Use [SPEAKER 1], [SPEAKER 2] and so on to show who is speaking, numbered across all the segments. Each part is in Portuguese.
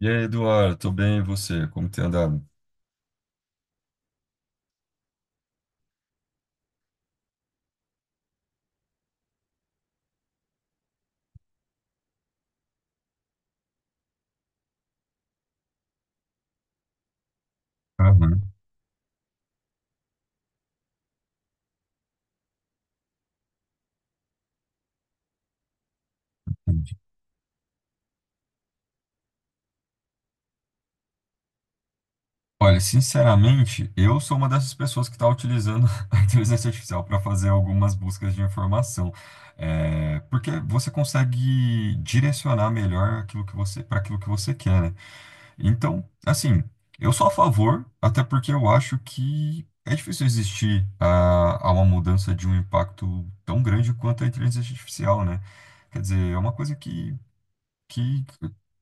[SPEAKER 1] E aí, Eduardo, tô bem, e você? Como tem andado? Aham, entendi. Olha, sinceramente, eu sou uma dessas pessoas que está utilizando a inteligência artificial para fazer algumas buscas de informação. É, porque você consegue direcionar melhor aquilo que você para aquilo que você quer, né? Então, assim, eu sou a favor, até porque eu acho que é difícil existir a uma mudança de um impacto tão grande quanto a inteligência artificial, né? Quer dizer, é uma coisa que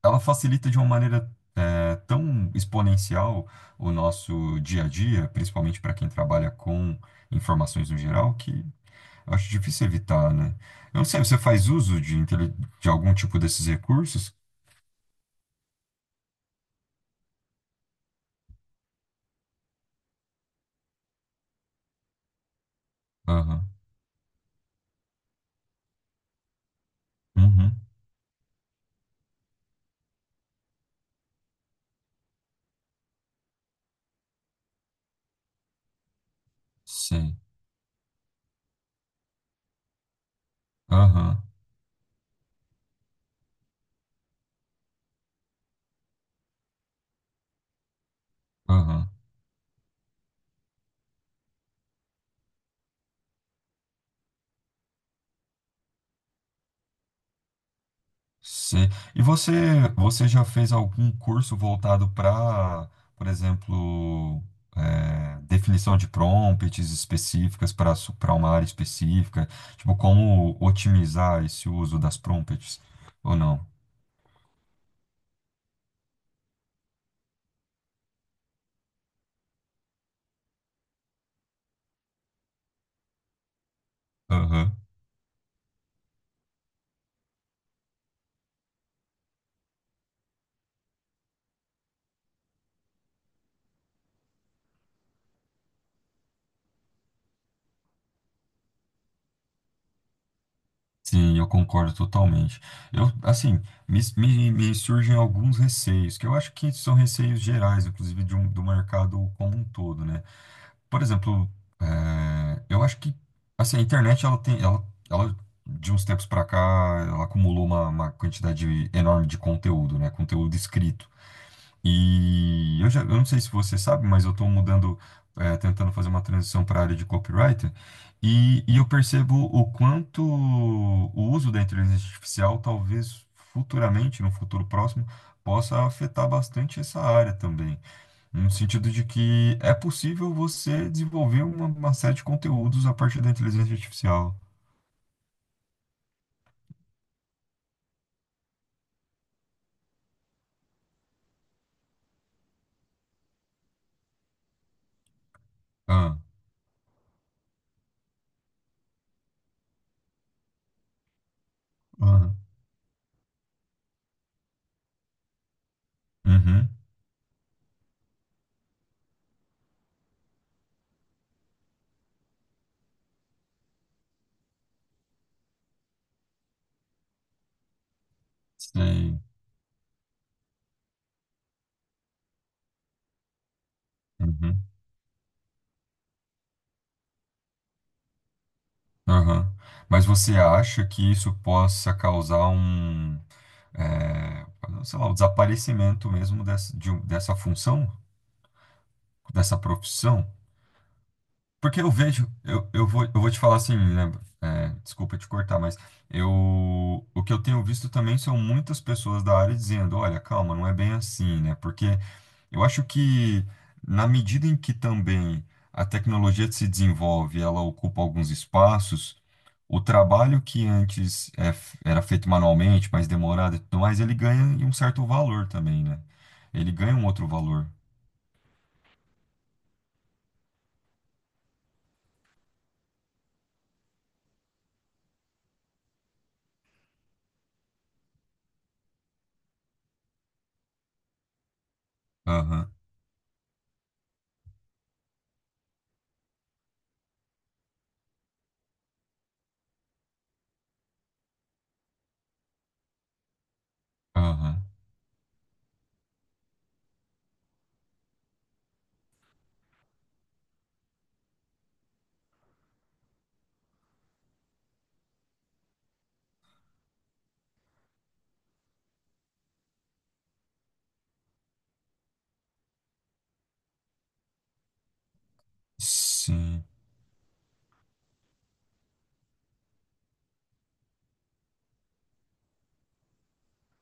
[SPEAKER 1] ela facilita de uma maneira tão exponencial o nosso dia a dia, principalmente para quem trabalha com informações no geral, que eu acho difícil evitar, né? Eu não sei, você faz uso de algum tipo desses recursos? Aham. Uhum. Sei. Aham. Aham. Sim. E você já fez algum curso voltado para, por exemplo, definição de prompts específicas para uma área específica? Tipo, como otimizar esse uso das prompts? Ou não? Aham. Sim, eu concordo totalmente. Eu, assim, me surgem alguns receios, que eu acho que são receios gerais, inclusive do mercado como um todo, né? Por exemplo, eu acho que assim, a internet ela tem, ela, de uns tempos para cá, ela acumulou uma quantidade enorme de conteúdo, né? Conteúdo escrito. E eu não sei se você sabe, mas eu estou mudando, tentando fazer uma transição para a área de copywriter, e eu percebo o quanto o uso da inteligência artificial talvez futuramente, no futuro próximo, possa afetar bastante essa área também. No sentido de que é possível você desenvolver uma série de conteúdos a partir da inteligência artificial. Ah, aham. Uhum. Sei. Uhum. Aham. Mas você acha que isso possa causar é, sei lá, o desaparecimento mesmo dessa função, dessa profissão? Porque eu vejo, eu vou te falar assim, né? Desculpa te cortar, mas eu, o que eu tenho visto também são muitas pessoas da área dizendo, olha, calma, não é bem assim, né? Porque eu acho que na medida em que também a tecnologia se desenvolve, ela ocupa alguns espaços, o trabalho que antes era feito manualmente, mais demorado e tudo mais, ele ganha um certo valor também, né? Ele ganha um outro valor. Aham, aham. Sim,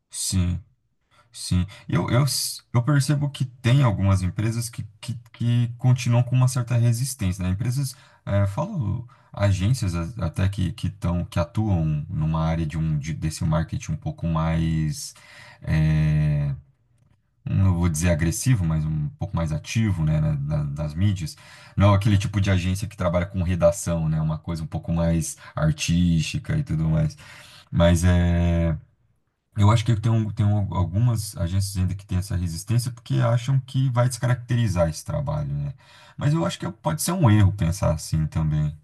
[SPEAKER 1] sim. Sim, eu percebo que tem algumas empresas que continuam com uma certa resistência, né? Empresas, falo agências até que atuam numa área desse marketing um pouco mais, eh, não vou dizer agressivo, mas um pouco mais ativo, né, nas mídias. Não aquele tipo de agência que trabalha com redação, né? Uma coisa um pouco mais artística e tudo mais. Mas é. Eu acho que tem algumas agências ainda que têm essa resistência porque acham que vai descaracterizar esse trabalho, né? Mas eu acho que pode ser um erro pensar assim também.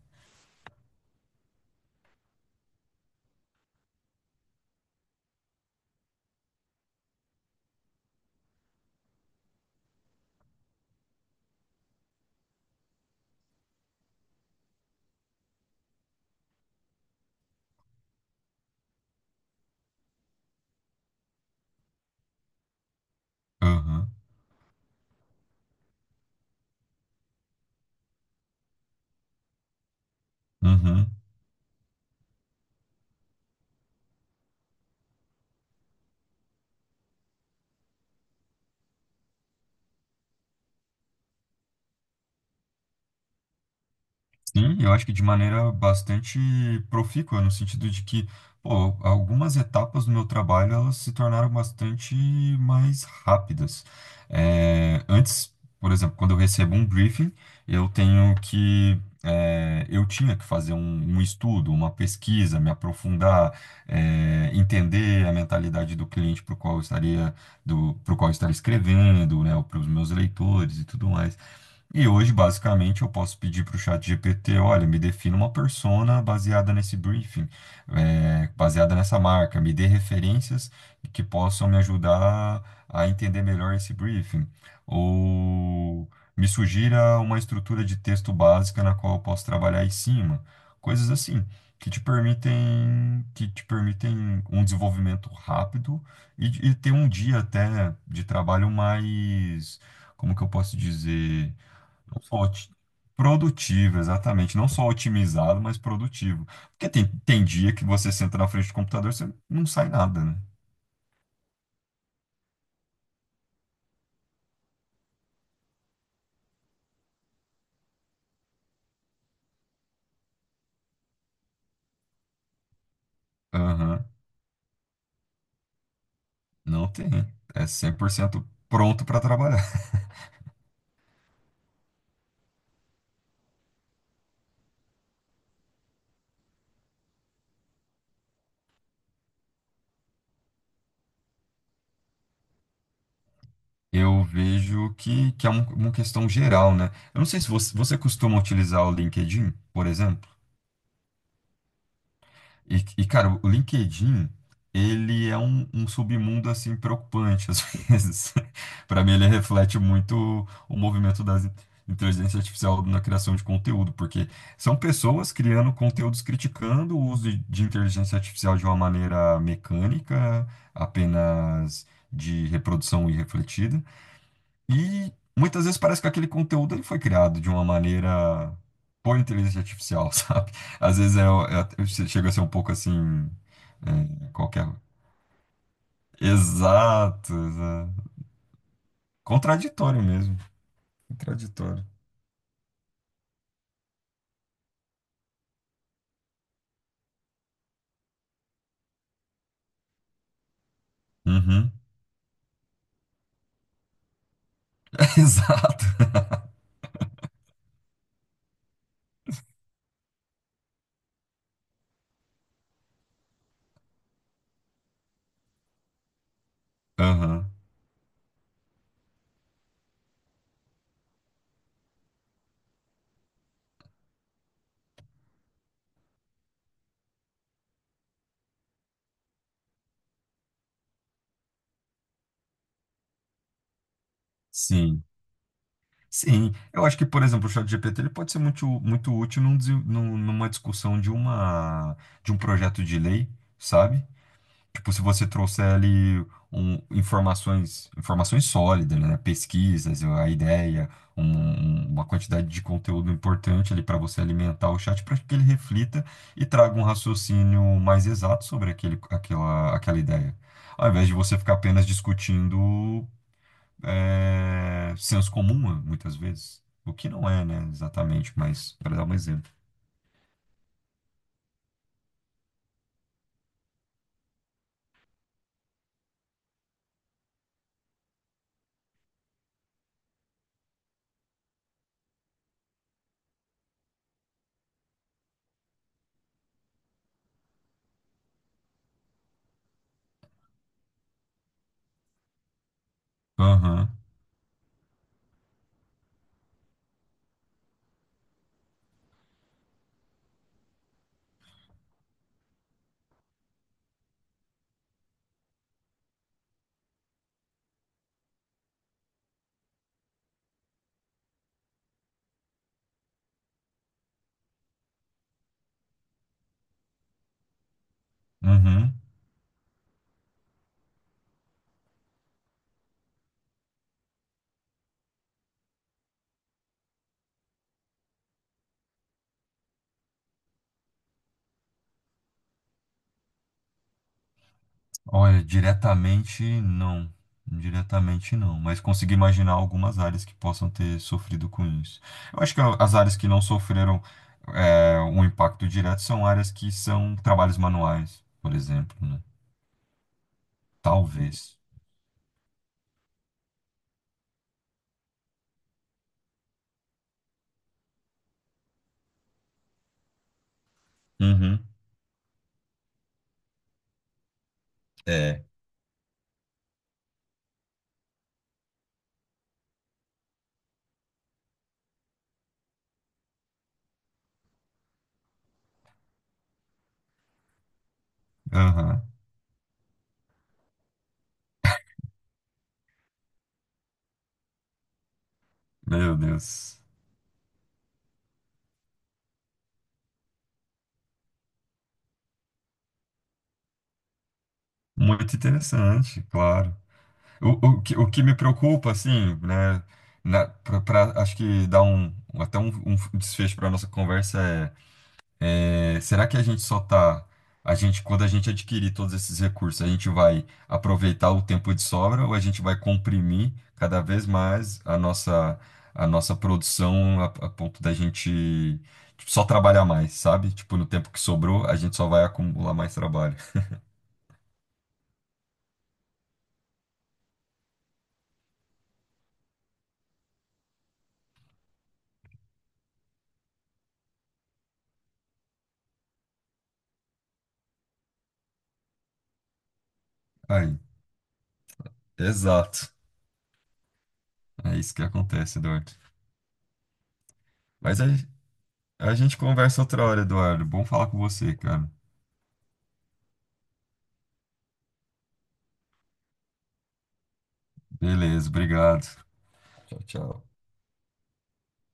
[SPEAKER 1] Aham, uhum. Sim, eu acho que de maneira bastante profícua, no sentido de que, pô, algumas etapas do meu trabalho elas se tornaram bastante mais rápidas. É, antes, por exemplo, quando eu recebo um briefing, eu tinha que fazer um estudo, uma pesquisa, me aprofundar, entender a mentalidade do cliente para o qual eu estaria, para qual eu estaria escrevendo, né, para os meus leitores e tudo mais. E hoje, basicamente, eu posso pedir para o chat GPT, olha, me defina uma persona baseada nesse briefing, baseada nessa marca, me dê referências que possam me ajudar a entender melhor esse briefing. Ou me sugira uma estrutura de texto básica na qual eu posso trabalhar em cima. Coisas assim, que te permitem um desenvolvimento rápido e ter um dia até de trabalho mais, como que eu posso dizer? Não só oti- Produtivo, exatamente. Não só otimizado, mas produtivo. Porque tem dia que você senta na frente do computador, você não sai nada, né? Aham. Não tem. É 100% pronto para trabalhar. Eu vejo que é uma questão geral, né? Eu não sei se você costuma utilizar o LinkedIn, por exemplo. E, cara, o LinkedIn, ele é um submundo, assim, preocupante, às vezes. Para mim, ele reflete muito o movimento das inteligência artificial na criação de conteúdo, porque são pessoas criando conteúdos criticando o uso de inteligência artificial de uma maneira mecânica, apenas de reprodução irrefletida, e muitas vezes parece que aquele conteúdo ele foi criado de uma maneira por inteligência artificial, sabe? Às vezes chega a ser um pouco assim, qualquer. Exato, exato. Contraditório mesmo. Contraditório. Uhum. Exato. Aham. Sim. Sim. Eu acho que, por exemplo, o ChatGPT ele pode ser muito, muito útil numa discussão de um projeto de lei, sabe? Tipo, se você trouxer ali informações sólidas, né? Pesquisas, a ideia, uma quantidade de conteúdo importante ali para você alimentar o chat para que ele reflita e traga um raciocínio mais exato sobre aquela ideia. Ao invés de você ficar apenas discutindo senso comum, muitas vezes. O que não é, né? Exatamente, mas para dar um exemplo. Aham, uhum. Olha, diretamente não. Diretamente não, mas consigo imaginar algumas áreas que possam ter sofrido com isso. Eu acho que as áreas que não sofreram um impacto direto são áreas que são trabalhos manuais, por exemplo, né? Talvez. Uhum. É. Aham. Meu Deus. Muito interessante, claro. O que me preocupa, assim, né? Acho que dá até um desfecho para nossa conversa. É, É, será que a gente só tá, quando a gente adquirir todos esses recursos, a gente vai aproveitar o tempo de sobra ou a gente vai comprimir cada vez mais a nossa produção a ponto da gente tipo, só trabalhar mais, sabe? Tipo, no tempo que sobrou, a gente só vai acumular mais trabalho. Aí, exato. É isso que acontece, Eduardo. Mas aí, a gente conversa outra hora, Eduardo. Bom falar com você, cara. Beleza, obrigado. Tchau, tchau.